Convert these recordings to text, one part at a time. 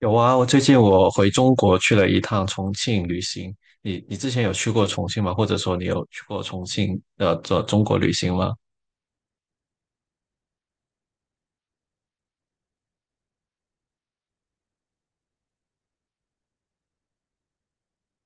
有啊，我最近回中国去了一趟重庆旅行。你之前有去过重庆吗？或者说你有去过重庆的这中国旅行吗？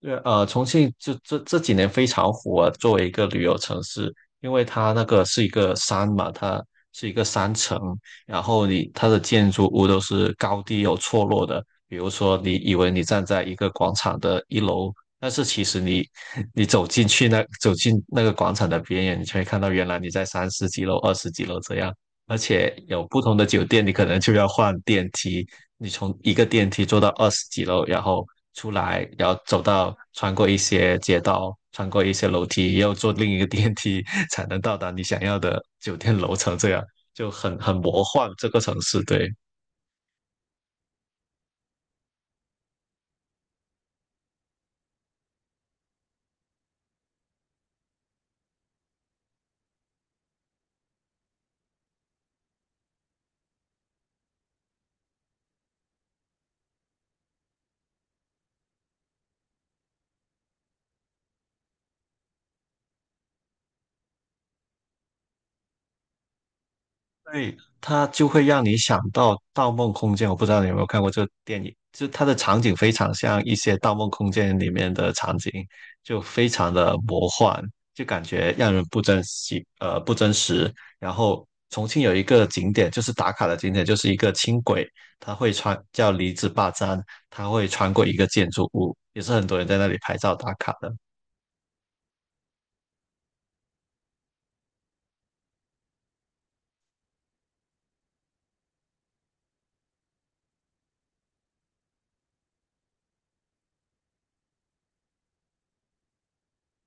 对，重庆就这几年非常火，作为一个旅游城市，因为它那个是一个山嘛，它是一个山城。然后它的建筑物都是高低有错落的。比如说，你以为你站在一个广场的一楼，但是其实你 你走进那个广场的边缘，你就会看到原来你在三十几楼、二十几楼这样，而且有不同的酒店，你可能就要换电梯，你从一个电梯坐到二十几楼，然后出来，然后穿过一些街道，穿过一些楼梯，又坐另一个电梯 才能到达你想要的酒店楼层，这样就很魔幻这个城市，对。对，它就会让你想到《盗梦空间》。我不知道你有没有看过这个电影，就它的场景非常像一些《盗梦空间》里面的场景，就非常的魔幻，就感觉让人不真实，不真实。然后重庆有一个景点，就是打卡的景点，就是一个轻轨，它会穿叫离子坝站，它会穿过一个建筑物，也是很多人在那里拍照打卡的。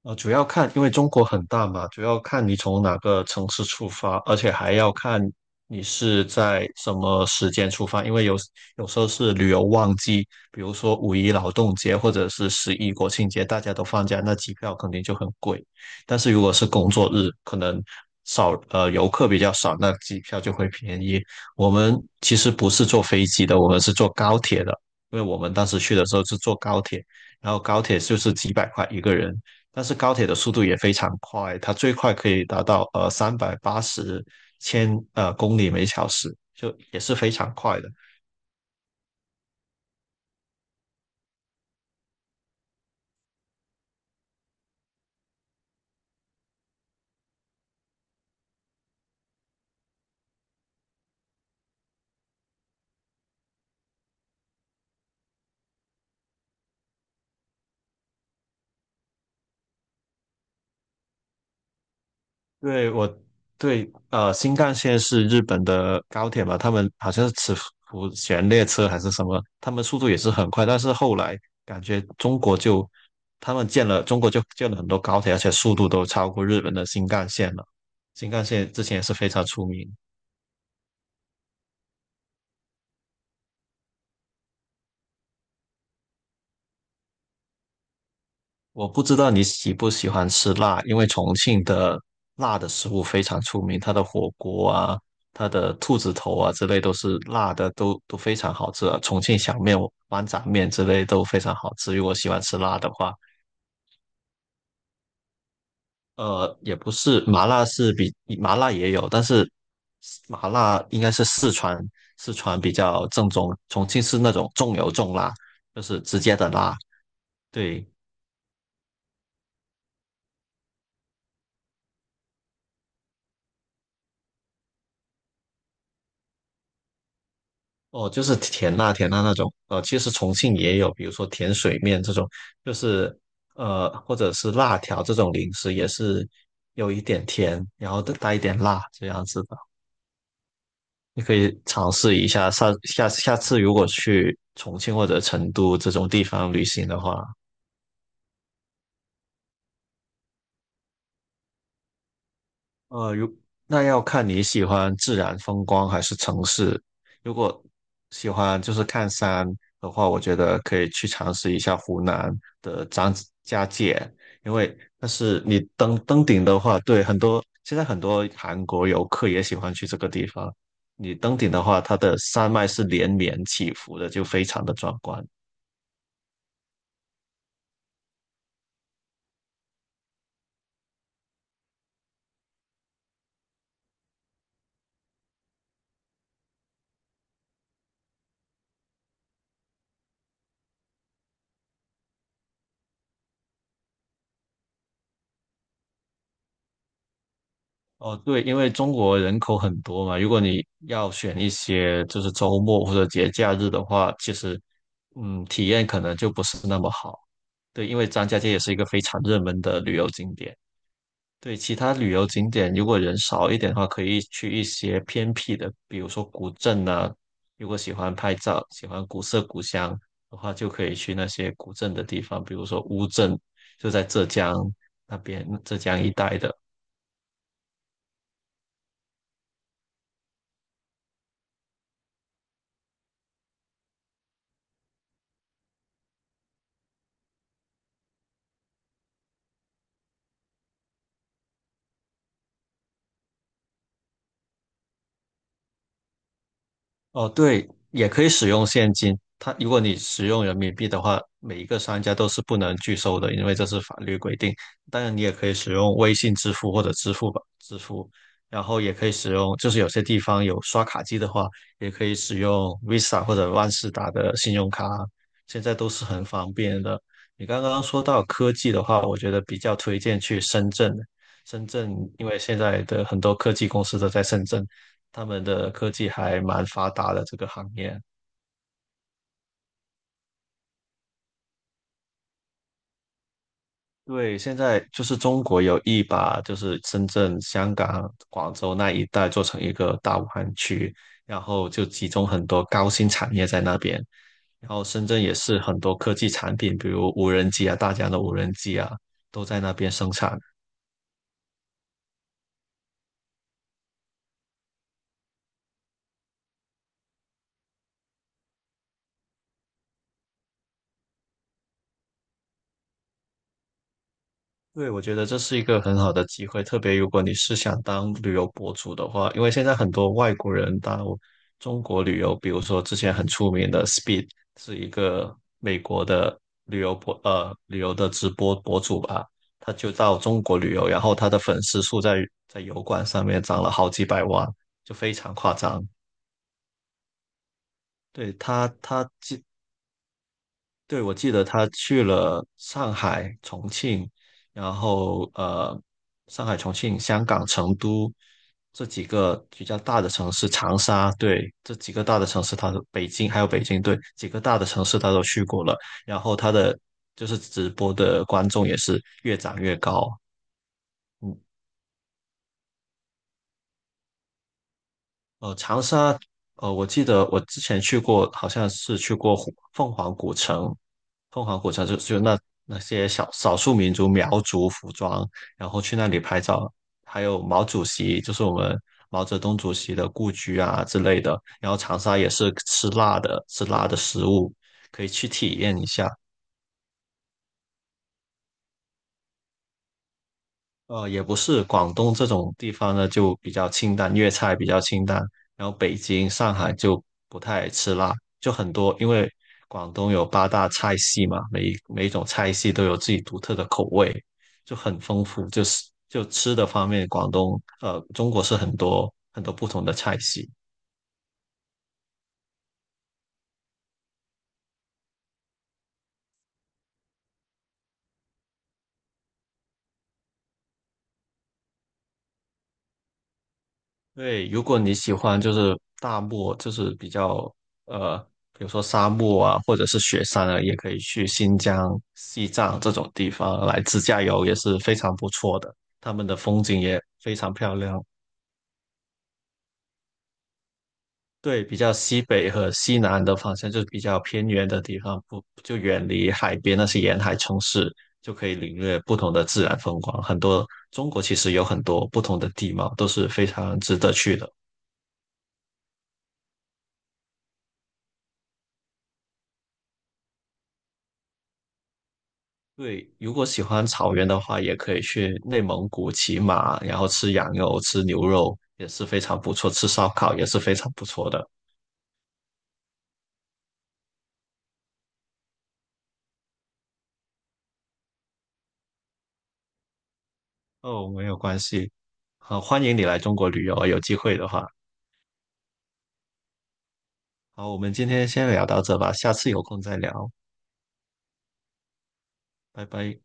主要看，因为中国很大嘛，主要看你从哪个城市出发，而且还要看你是在什么时间出发，因为有时候是旅游旺季，比如说五一劳动节或者是十一国庆节，大家都放假，那机票肯定就很贵。但是如果是工作日，可能游客比较少，那机票就会便宜。我们其实不是坐飞机的，我们是坐高铁的，因为我们当时去的时候是坐高铁。然后高铁就是几百块一个人，但是高铁的速度也非常快，它最快可以达到380公里每小时，就也是非常快的。对我对。新干线是日本的高铁嘛，他们好像是磁浮悬列车还是什么，他们速度也是很快，但是后来感觉中国就建了很多高铁，而且速度都超过日本的新干线了。新干线之前也是非常出名。我不知道你喜不喜欢吃辣，因为重庆的辣的食物非常出名，它的火锅啊、它的兔子头啊之类都是辣的，都非常好吃啊。重庆小面、豌杂面之类都非常好吃。如果喜欢吃辣的话，也不是麻辣是比麻辣也有，但是麻辣应该是四川，比较正宗，重庆是那种重油重辣，就是直接的辣。对，哦，就是甜辣甜辣那种，其实重庆也有，比如说甜水面这种，就是或者是辣条这种零食，也是有一点甜，然后带一点辣这样子的，你可以尝试一下。下次如果去重庆或者成都这种地方旅行的话，呃，如那要看你喜欢自然风光还是城市。如果喜欢就是看山的话，我觉得可以去尝试一下湖南的张家界，但是你登顶的话，对很多现在很多韩国游客也喜欢去这个地方。你登顶的话，它的山脉是连绵起伏的，就非常的壮观。哦，对，因为中国人口很多嘛，如果你要选一些就是周末或者节假日的话，其实，体验可能就不是那么好。对，因为张家界也是一个非常热门的旅游景点。对，其他旅游景点如果人少一点的话，可以去一些偏僻的，比如说古镇啊。如果喜欢拍照、喜欢古色古香的话，就可以去那些古镇的地方，比如说乌镇，就在浙江那边，浙江一带的。哦，对，也可以使用现金。它如果你使用人民币的话，每一个商家都是不能拒收的，因为这是法律规定。当然，你也可以使用微信支付或者支付宝支付，然后也可以使用，就是有些地方有刷卡机的话，也可以使用 Visa 或者万事达的信用卡，现在都是很方便的。你刚刚说到科技的话，我觉得比较推荐去深圳。深圳因为现在的很多科技公司都在深圳，他们的科技还蛮发达的这个行业。对，现在就是中国有意把就是深圳、香港、广州那一带做成一个大武汉区，然后就集中很多高新产业在那边。然后深圳也是很多科技产品，比如无人机啊，大疆的无人机啊，都在那边生产。对，我觉得这是一个很好的机会，特别如果你是想当旅游博主的话，因为现在很多外国人到中国旅游，比如说之前很出名的 Speed 是一个美国的旅游的直播博主吧，他就到中国旅游，然后他的粉丝数在油管上面涨了好几百万，就非常夸张。对，对，我记得他去了上海、重庆，然后上海、重庆、香港、成都这几个比较大的城市，长沙，对，这几个大的城市他都，北京还有北京，对，几个大的城市他都去过了。然后他的就是直播的观众也是越涨越高，嗯。长沙，我记得我之前去过，好像是去过凤凰古城。凤凰古城就那些小少数民族苗族服装，然后去那里拍照，还有毛主席，就是我们毛泽东主席的故居啊之类的。然后长沙也是吃辣的，吃辣的食物，可以去体验一下。也不是，广东这种地方呢就比较清淡，粤菜比较清淡，然后北京、上海就不太吃辣，就很多，因为广东有八大菜系嘛，每一种菜系都有自己独特的口味，就很丰富，就是吃的方面，中国是很多很多不同的菜系。对，如果你喜欢就是大漠，就是比较呃，比如说沙漠啊，或者是雪山啊，也可以去新疆、西藏这种地方来自驾游，也是非常不错的。他们的风景也非常漂亮。对，比较西北和西南的方向，就是比较偏远的地方，不就远离海边那些沿海城市，就可以领略不同的自然风光。中国其实有很多不同的地貌，都是非常值得去的。对，如果喜欢草原的话，也可以去内蒙古骑马，然后吃羊肉、吃牛肉也是非常不错，吃烧烤也是非常不错的。哦，没有关系，好，欢迎你来中国旅游，有机会的话。好，我们今天先聊到这吧，下次有空再聊，拜拜。